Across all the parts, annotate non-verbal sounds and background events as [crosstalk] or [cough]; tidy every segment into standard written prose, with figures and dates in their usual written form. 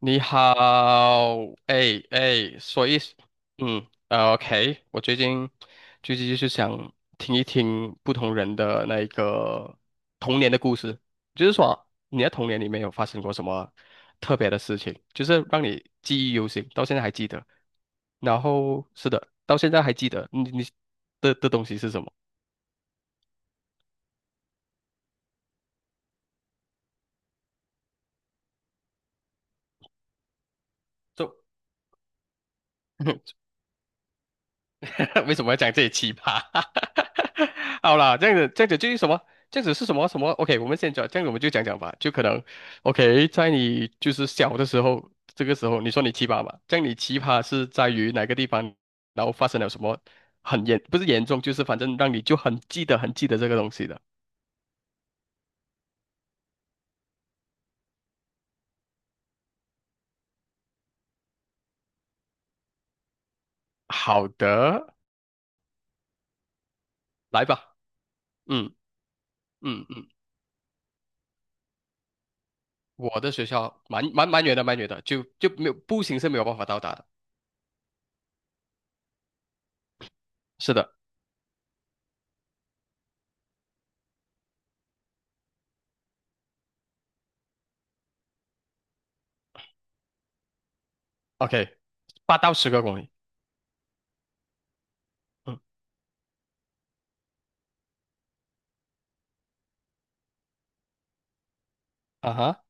你好。哎哎，所以，嗯， o k 我最近就是想听一听不同人的那一个童年的故事，就是说你在童年里面有发生过什么特别的事情，就是让你记忆犹新，到现在还记得。然后是的，到现在还记得你的东西是什么？就 [laughs] [laughs] 为什么要讲这些奇葩？[laughs] 好啦，这样子就是什么？这样子是什么什么？OK，我们先讲，这样子我们就讲讲吧。就可能，OK，在你就是小的时候，这个时候你说你奇葩吧，这样你奇葩是在于哪个地方，然后发生了什么不是严重，就是反正让你就很记得这个东西的。好的，来吧。嗯嗯嗯。我的学校蛮远的，就没有步行是没有办法到达的。是的，OK，8到10个公里。嗯。啊哈。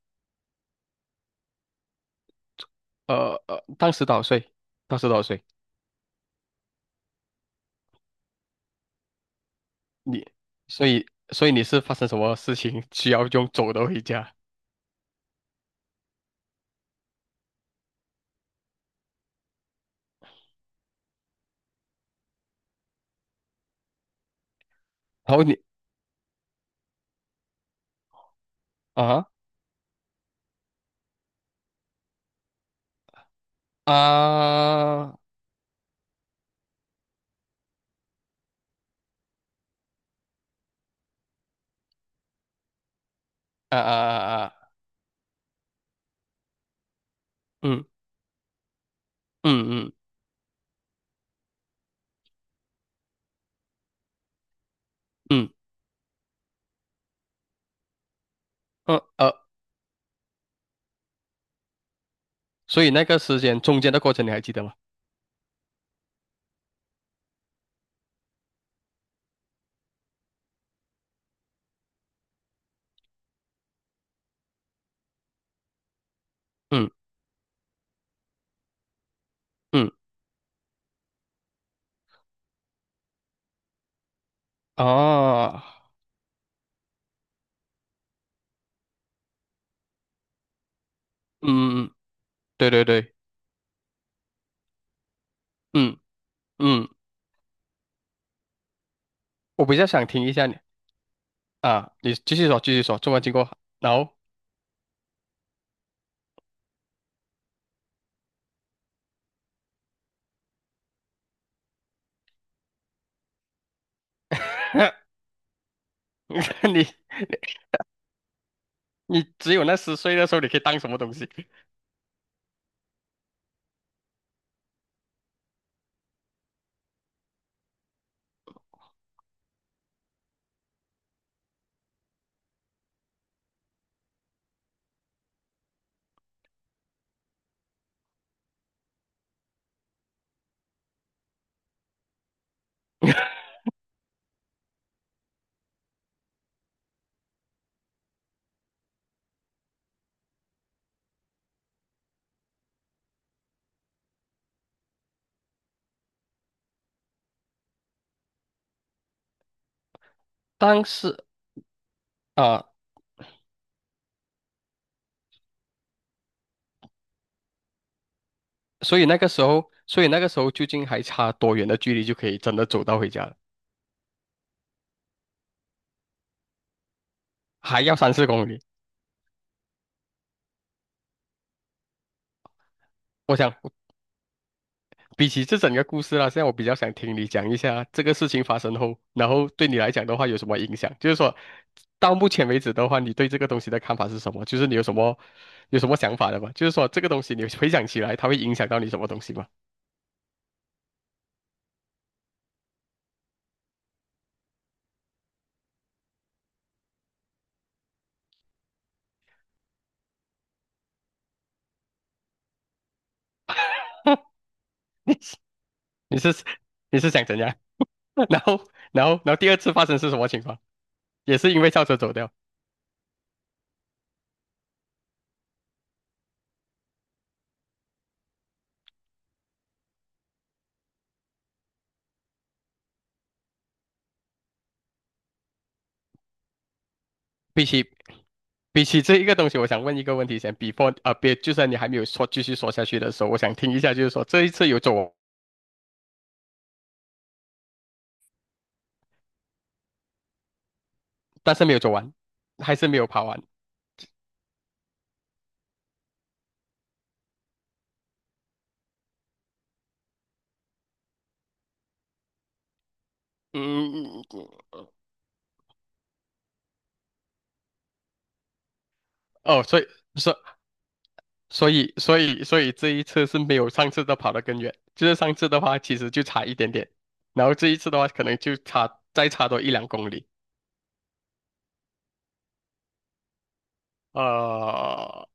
呃呃，当时多少岁？当时多少岁？你，所以你是发生什么事情 [laughs] 需要用走的回家？然后你啊啊啊啊啊啊！嗯嗯嗯嗯。呃呃，所以那个时间中间的过程你还记得吗？嗯嗯啊。嗯嗯，对对对，嗯嗯，我比较想听一下你啊，你继续说，做完经过，然后 [laughs] 你你只有那十岁的时候，你可以当什么东西？当时啊。所以那个时候究竟还差多远的距离就可以真的走到回家了？还要3、4公里。我想，比起这整个故事啦，现在我比较想听你讲一下这个事情发生后，然后对你来讲的话有什么影响？就是说，到目前为止的话，你对这个东西的看法是什么？[laughs] 有什么想法的吗？就是说，这个东西你回想起来，它会影响到你什么东西吗？[laughs] 你是你是想怎样？[laughs] 然后然后第二次发生是什么情况？也是因为校车走掉。比起比起这一个东西，我想问一个问题先，before 啊、别，就算你还没有说继续说下去的时候，我想听一下，就是说这一次有走，但是没有走完，还是没有跑完。嗯。哦，所所以这一次是没有上次的跑得更远，就是上次的话其实就差一点点，然后这一次的话可能再差多1、2公里。呃，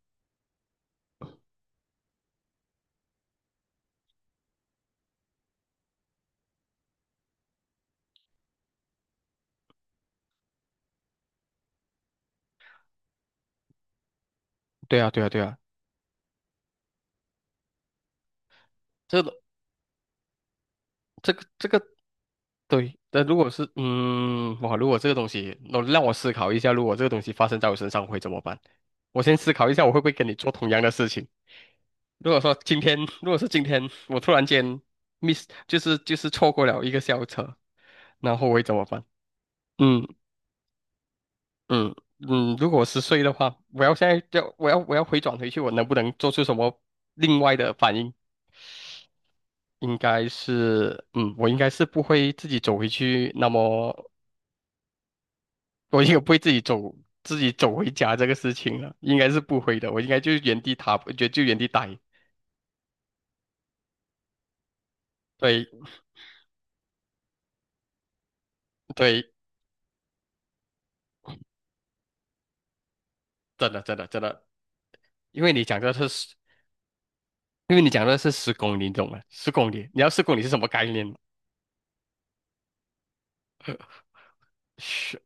对啊，对啊，对啊，这个这个对。但如果是哇，如果这个东西，那让我思考一下，如果这个东西发生在我身上会怎么办？我先思考一下，我会不会跟你做同样的事情？如果是今天我突然间 miss，就是错过了一个校车，那后我会怎么办？嗯嗯嗯。如果十岁的话，我要现在就我要我要回转回去，我能不能做出什么另外的反应？应该是，我应该是不会自己走回去，那么我应该不会自己走回家这个事情了，应该是不会的。我应该就原地踏步，就原地待。对对，真的真的真的，因为你讲的是十因为你讲的是十公里，你懂吗？十公里，你要十公里是什么概念吗？是。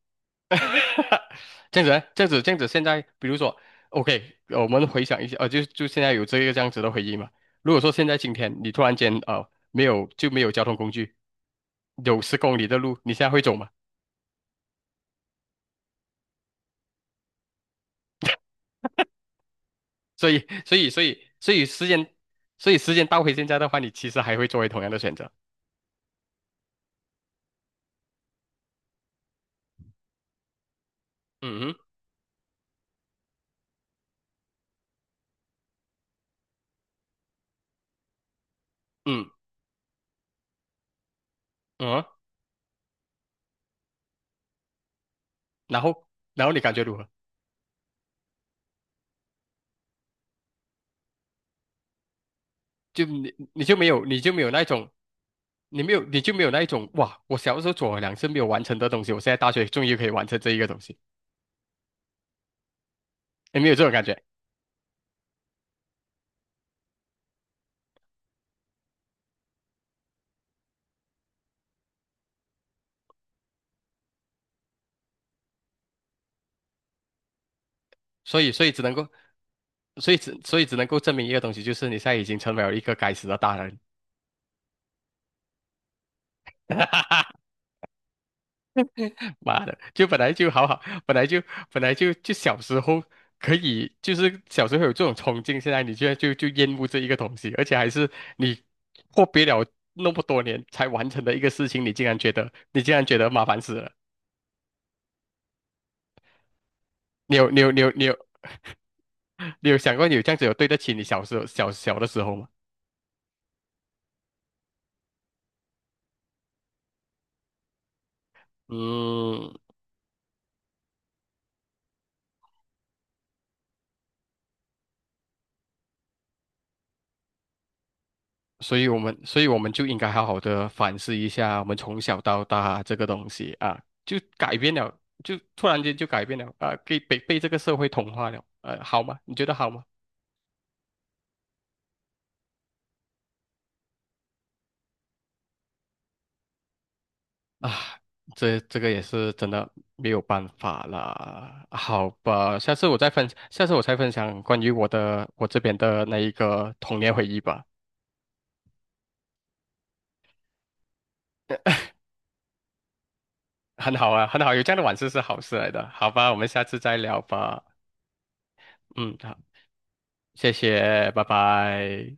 [laughs] 这样子呢，这样子，现在比如说，OK，我们回想一下，就现在有这个这样子的回忆嘛。如果说现在今天你突然间呃没有就没有交通工具，有十公里的路，你现在会走吗？所以，所以，所以，所以时间，所以时间倒回现在的话，你其实还会作为同样的选择。嗯哼。嗯嗯啊。然后，然后你感觉如何？你就没有，你就没有那种，你没有，你就没有那一种，哇！我小时候做了2次没有完成的东西，我现在大学终于可以完成这一个东西，你没有这种感觉。所以，所以只能够，所以只能够证明一个东西，就是你现在已经成为了一个该死的大人。[laughs] [laughs] 妈的，就本来就好好，本来就本来就小时候可以，就是小时候有这种冲劲，现在你居然就厌恶这一个东西，而且还是你阔别了那么多年才完成的一个事情，你竟然觉得麻烦死了。你有你有你有你有你有想过你有这样子有对得起你小时候小小的时候吗？嗯。所以我们就应该好好的反思一下，我们从小到大这个东西啊，就改变了，就突然间就改变了啊，给被这个社会同化了，好吗？你觉得好吗？啊，这个也是真的没有办法啦。好吧，下次我再分享关于我这边的那一个童年回忆吧。很好啊，很好，有这样的往事是好事来的。好吧，我们下次再聊吧。嗯，好，谢谢，拜拜。